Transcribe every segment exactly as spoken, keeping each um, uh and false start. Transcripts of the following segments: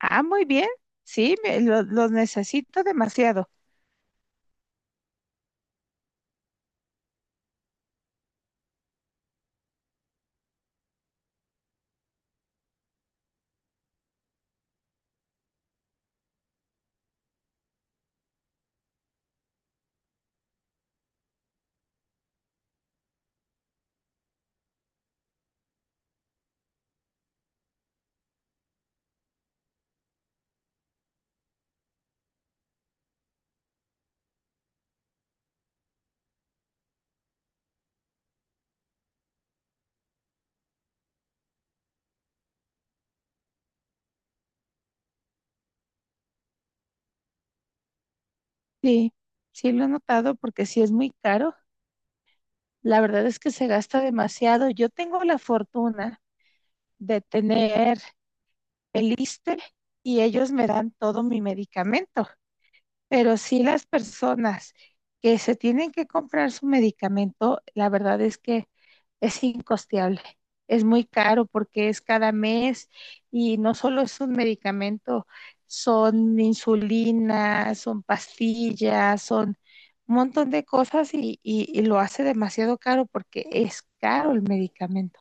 Ah, muy bien. Sí, me- lo- los necesito demasiado. Sí, sí lo he notado porque sí es muy caro. La verdad es que se gasta demasiado. Yo tengo la fortuna de tener el ISSSTE y ellos me dan todo mi medicamento. Pero sí las personas que se tienen que comprar su medicamento, la verdad es que es incosteable. Es muy caro porque es cada mes y no solo es un medicamento, son insulinas, son pastillas, son un montón de cosas y, y, y lo hace demasiado caro porque es caro el medicamento.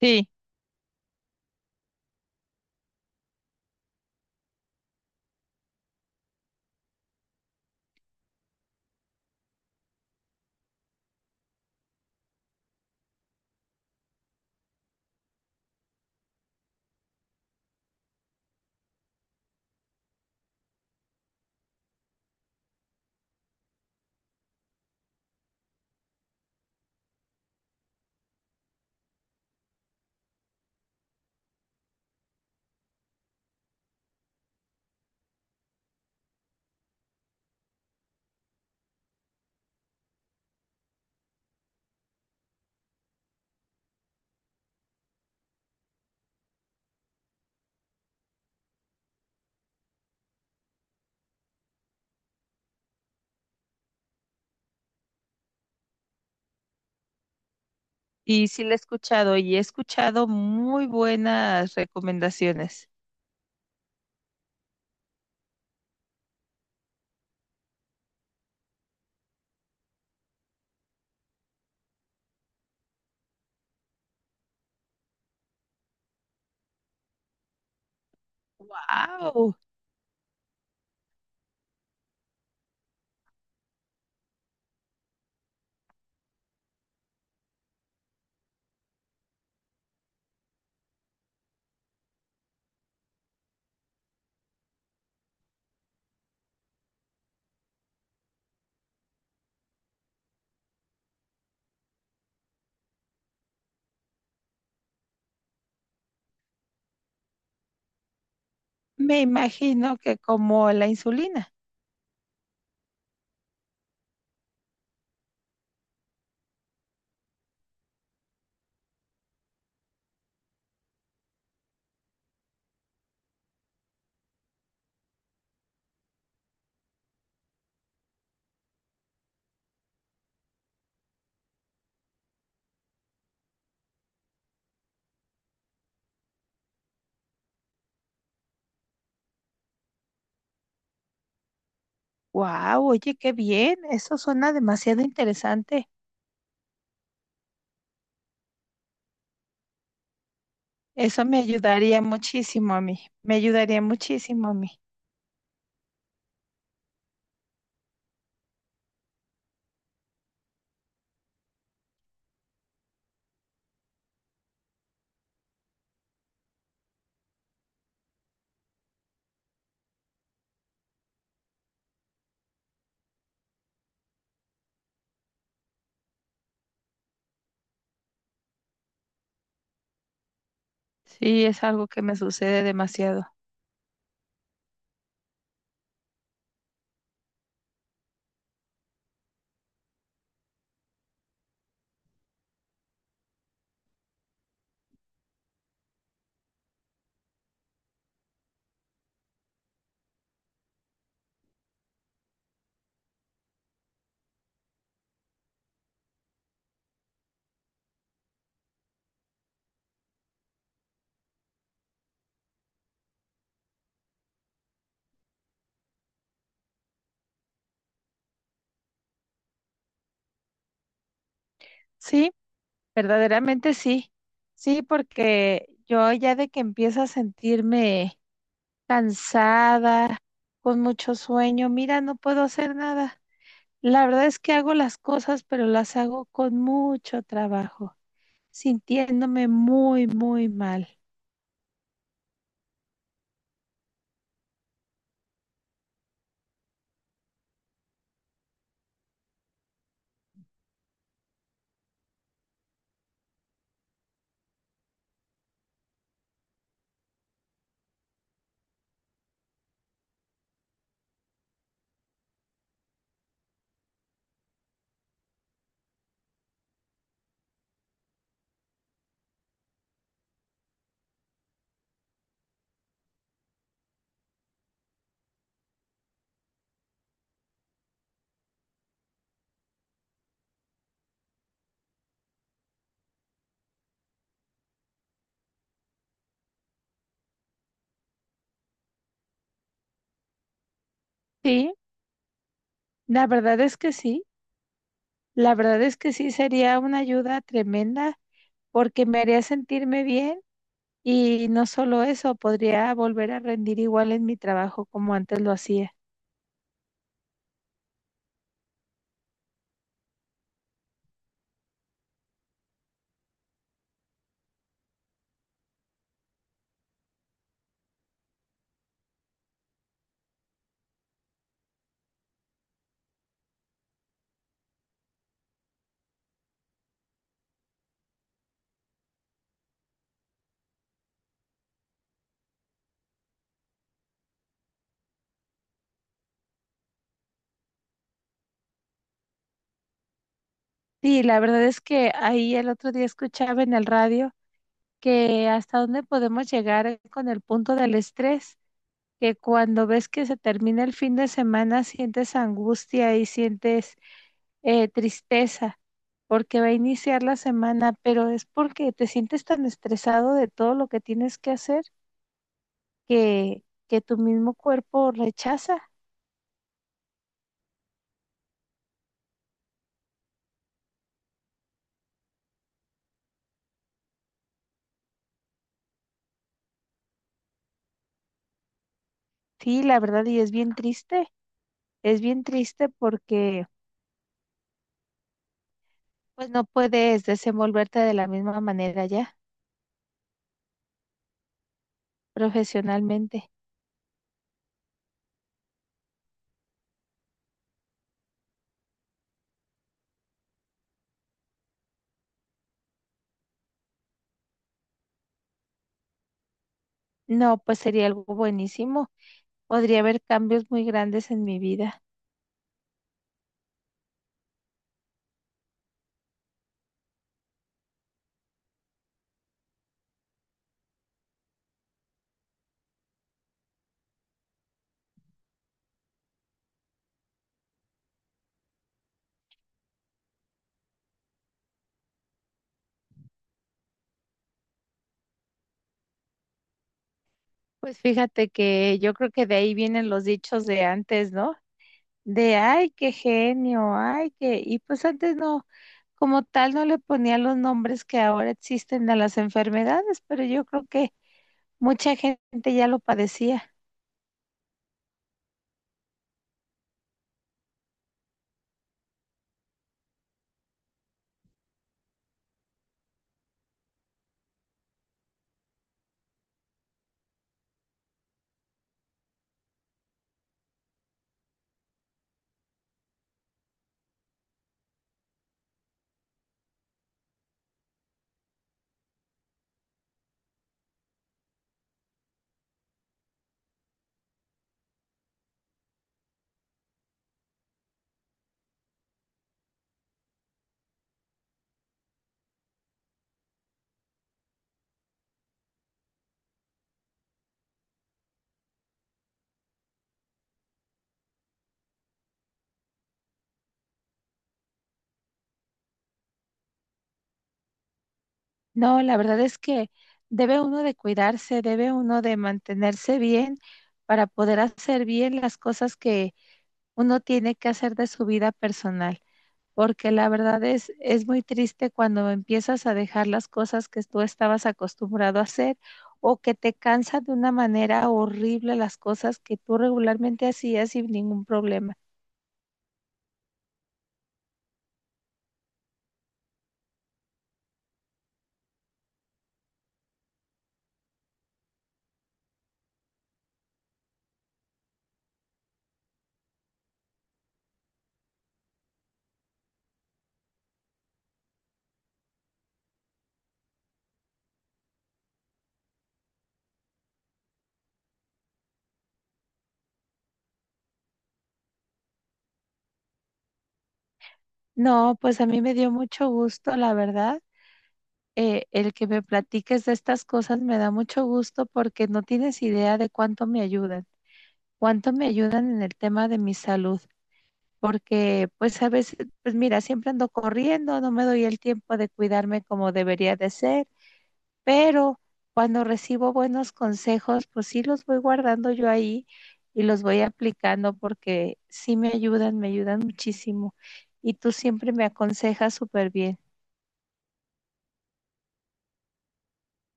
Sí, y sí la he escuchado y he escuchado muy buenas recomendaciones. ¡Wow! Me imagino que como la insulina. ¡Wow! Oye, qué bien. Eso suena demasiado interesante. Eso me ayudaría muchísimo a mí, me ayudaría muchísimo a mí. Sí, es algo que me sucede demasiado. Sí, verdaderamente sí. Sí, porque yo ya de que empiezo a sentirme cansada, con mucho sueño, mira, no puedo hacer nada. La verdad es que hago las cosas, pero las hago con mucho trabajo, sintiéndome muy, muy mal. Sí, la verdad es que sí. La verdad es que sí sería una ayuda tremenda porque me haría sentirme bien y no solo eso, podría volver a rendir igual en mi trabajo como antes lo hacía. Sí, la verdad es que ahí el otro día escuchaba en el radio que hasta dónde podemos llegar con el punto del estrés, que cuando ves que se termina el fin de semana sientes angustia y sientes eh, tristeza porque va a iniciar la semana, pero es porque te sientes tan estresado de todo lo que tienes que hacer que, que tu mismo cuerpo rechaza. Sí, la verdad, y es bien triste, es bien triste porque pues no puedes desenvolverte de la misma manera ya profesionalmente. No, pues sería algo buenísimo. Podría haber cambios muy grandes en mi vida. Pues fíjate que yo creo que de ahí vienen los dichos de antes, ¿no? De ay, qué genio, ay, qué... Y pues antes no, como tal, no le ponían los nombres que ahora existen a las enfermedades, pero yo creo que mucha gente ya lo padecía. No, la verdad es que debe uno de cuidarse, debe uno de mantenerse bien para poder hacer bien las cosas que uno tiene que hacer de su vida personal, porque la verdad es, es muy triste cuando empiezas a dejar las cosas que tú estabas acostumbrado a hacer o que te cansa de una manera horrible las cosas que tú regularmente hacías sin ningún problema. No, pues a mí me dio mucho gusto, la verdad eh, el que me platiques de estas cosas me da mucho gusto porque no tienes idea de cuánto me ayudan, cuánto me ayudan en el tema de mi salud, porque pues a veces, pues mira, siempre ando corriendo, no me doy el tiempo de cuidarme como debería de ser, pero cuando recibo buenos consejos, pues sí los voy guardando yo ahí y los voy aplicando porque sí me ayudan, me ayudan muchísimo y tú siempre me aconsejas súper bien.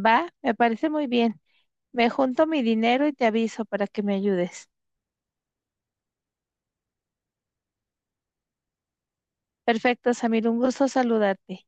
Va, me parece muy bien. Me junto mi dinero y te aviso para que me ayudes. Perfecto, Samir, un gusto saludarte.